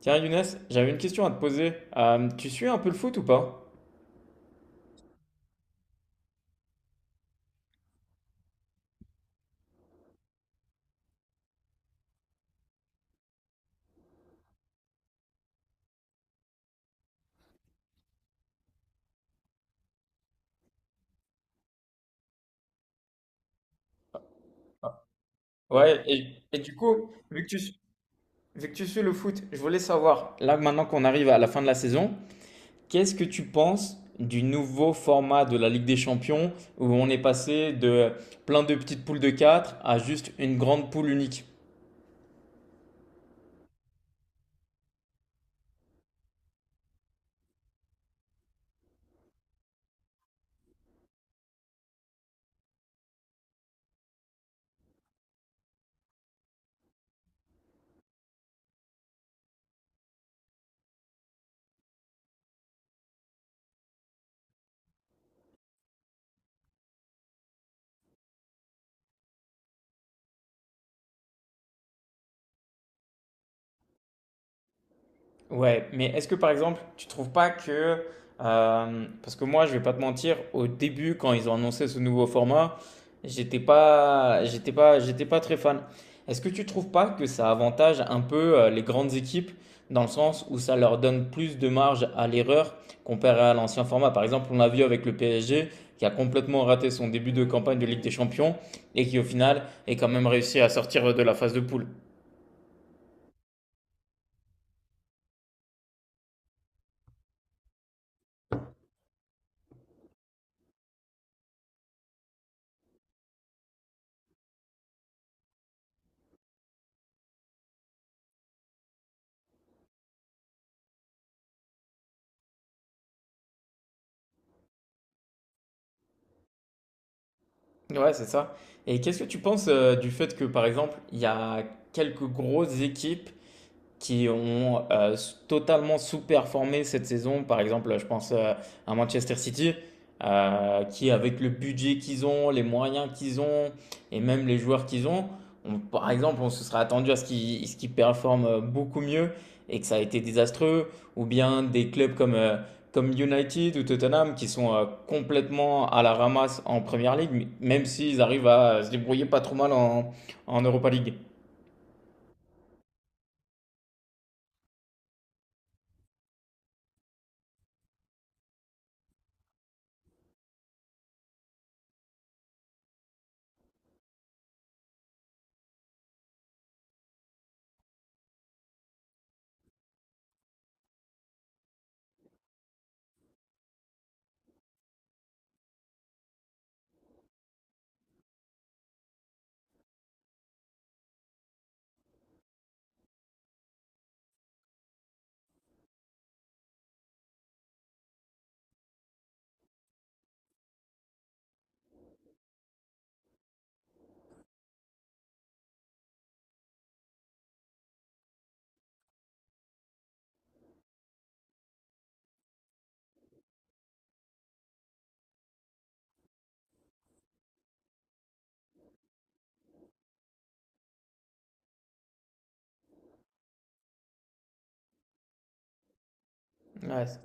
Tiens Younes, j'avais une question à te poser. Tu suis un peu le foot ou pas? Ouais, et du coup, vu que tu suis le foot, je voulais savoir, là maintenant qu'on arrive à la fin de la saison, qu'est-ce que tu penses du nouveau format de la Ligue des Champions où on est passé de plein de petites poules de 4 à juste une grande poule unique? Ouais, mais est-ce que par exemple, tu trouves pas que, parce que moi, je vais pas te mentir, au début, quand ils ont annoncé ce nouveau format, j'étais pas très fan. Est-ce que tu trouves pas que ça avantage un peu les grandes équipes dans le sens où ça leur donne plus de marge à l'erreur comparé à l'ancien format? Par exemple, on a vu avec le PSG qui a complètement raté son début de campagne de Ligue des Champions et qui au final est quand même réussi à sortir de la phase de poule. Ouais, c'est ça. Et qu'est-ce que tu penses du fait que, par exemple, il y a quelques grosses équipes qui ont totalement sous-performé cette saison. Par exemple, je pense à Manchester City, qui avec le budget qu'ils ont, les moyens qu'ils ont, et même les joueurs qu'ils ont, par exemple, on se serait attendu à ce qu'ils performent beaucoup mieux et que ça a été désastreux. Ou bien des clubs comme, comme United ou Tottenham, qui sont complètement à la ramasse en Première League, même s'ils arrivent à se débrouiller pas trop mal en, en Europa League. Ouais, c-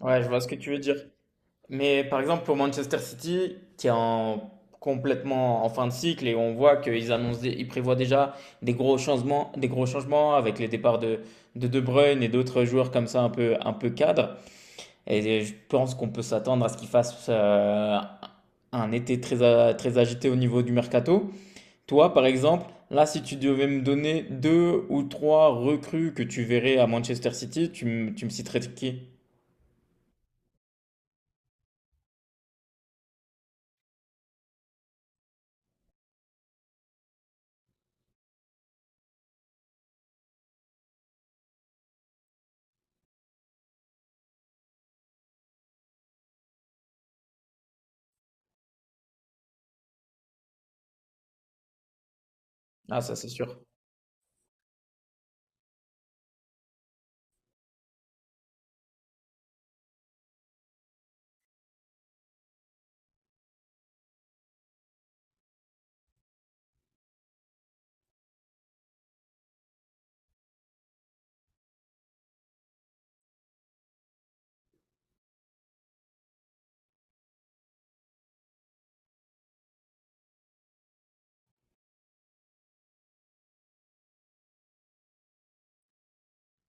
ouais, je vois ce que tu veux dire. Mais par exemple, pour Manchester City, complètement en fin de cycle et on voit qu'ils ils prévoient déjà des gros changements avec les départs de De Bruyne et d'autres joueurs comme ça un peu cadres. Et je pense qu'on peut s'attendre à ce qu'ils fassent un été très agité au niveau du mercato. Toi, par exemple, là, si tu devais me donner deux ou trois recrues que tu verrais à Manchester City, tu me citerais qui? Ah, ça, c'est sûr.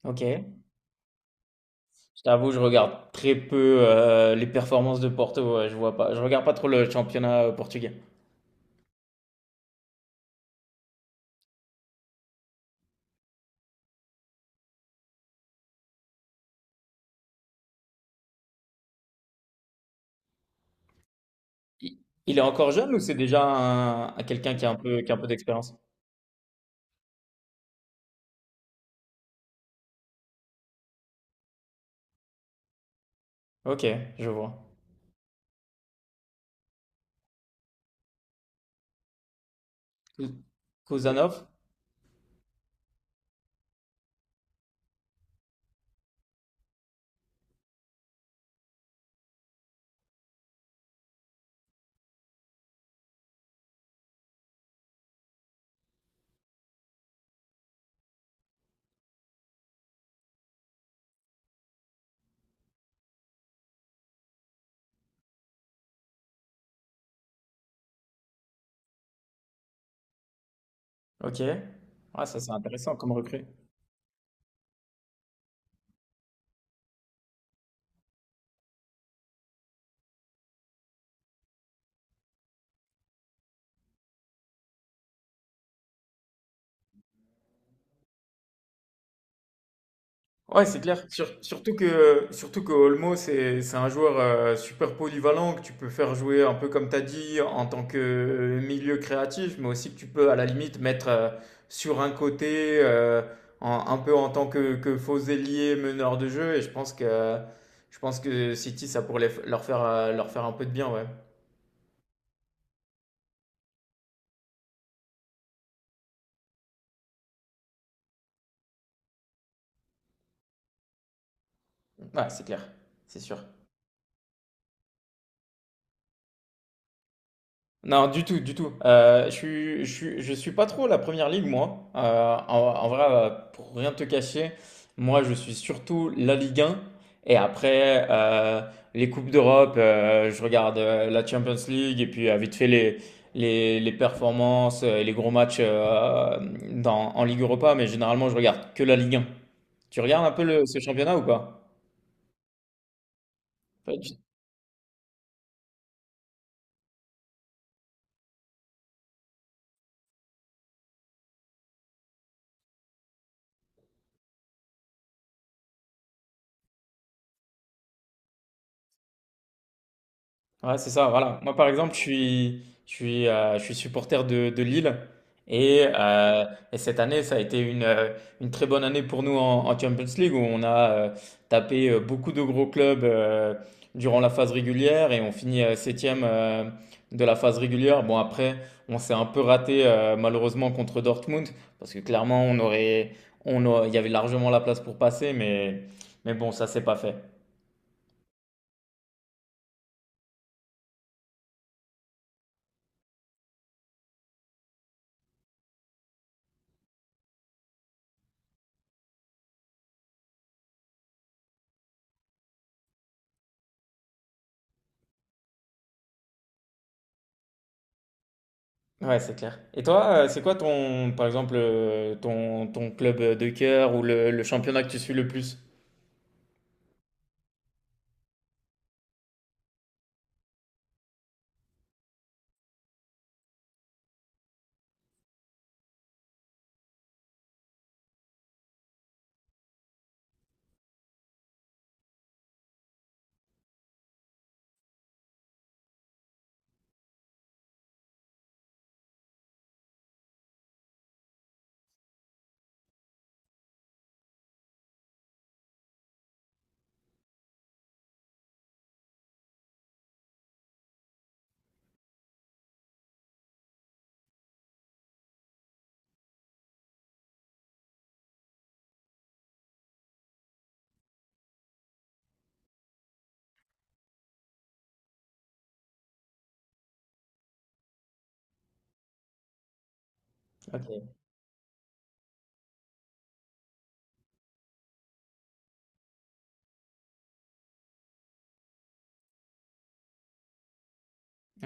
Ok. Je t'avoue, je regarde très peu les performances de Porto. Ouais, je vois pas. Je regarde pas trop le championnat portugais. Il, il est encore jeune ou c'est déjà un quelqu'un qui a un peu, qui a un peu d'expérience? Ok, je vois. Kuzanov? Ok. Ouais, ça c'est intéressant comme recrue. Ouais, c'est clair. Surtout que Olmo, c'est un joueur super polyvalent que tu peux faire jouer un peu comme tu as dit en tant que milieu créatif, mais aussi que tu peux à la limite mettre sur un côté, un peu en tant que faux ailier, meneur de jeu. Et je pense que City, ça pourrait leur faire un peu de bien, ouais. Ouais, c'est clair. C'est sûr. Non, du tout, du tout. Je suis pas trop la première ligue, moi. En vrai, pour rien te cacher, moi, je suis surtout la Ligue 1. Et après, les Coupes d'Europe, je regarde la Champions League et puis vite fait les performances et les gros matchs en Ligue Europa. Mais généralement, je regarde que la Ligue 1. Tu regardes un peu ce championnat ou pas? Ouais, c'est ça, voilà. Moi, par exemple, je suis supporter de Lille. Et, euh, et cette année, ça a été une très bonne année pour nous en, en Champions League, où on a tapé beaucoup de gros clubs durant la phase régulière et on finit septième de la phase régulière. Bon, après, on s'est un peu raté malheureusement contre Dortmund, parce que clairement, il y avait largement la place pour passer, mais bon, ça s'est pas fait. Ouais, c'est clair. Et toi, c'est quoi ton, par exemple, ton club de cœur ou le championnat que tu suis le plus? Ok,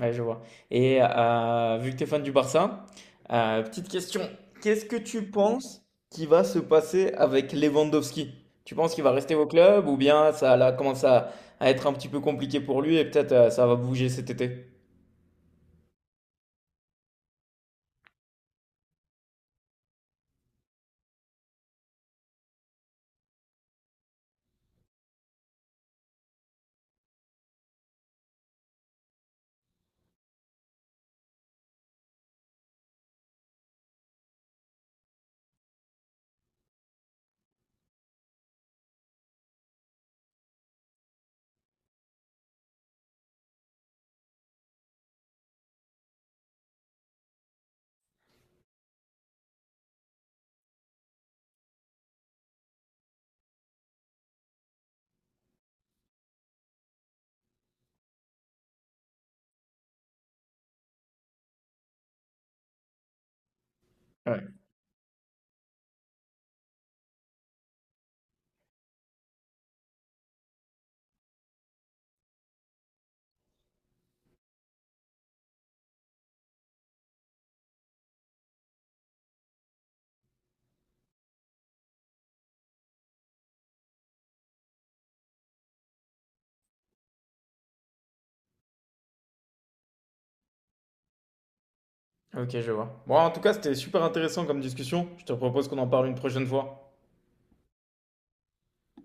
ouais, je vois. Et vu que tu es fan du Barça, petite question. Qu'est-ce que tu penses qui va se passer avec Lewandowski? Tu penses qu'il va rester au club ou bien ça là, commence à être un petit peu compliqué pour lui et peut-être ça va bouger cet été? Ouais. Ok, je vois. Bon, en tout cas, c'était super intéressant comme discussion. Je te propose qu'on en parle une prochaine fois.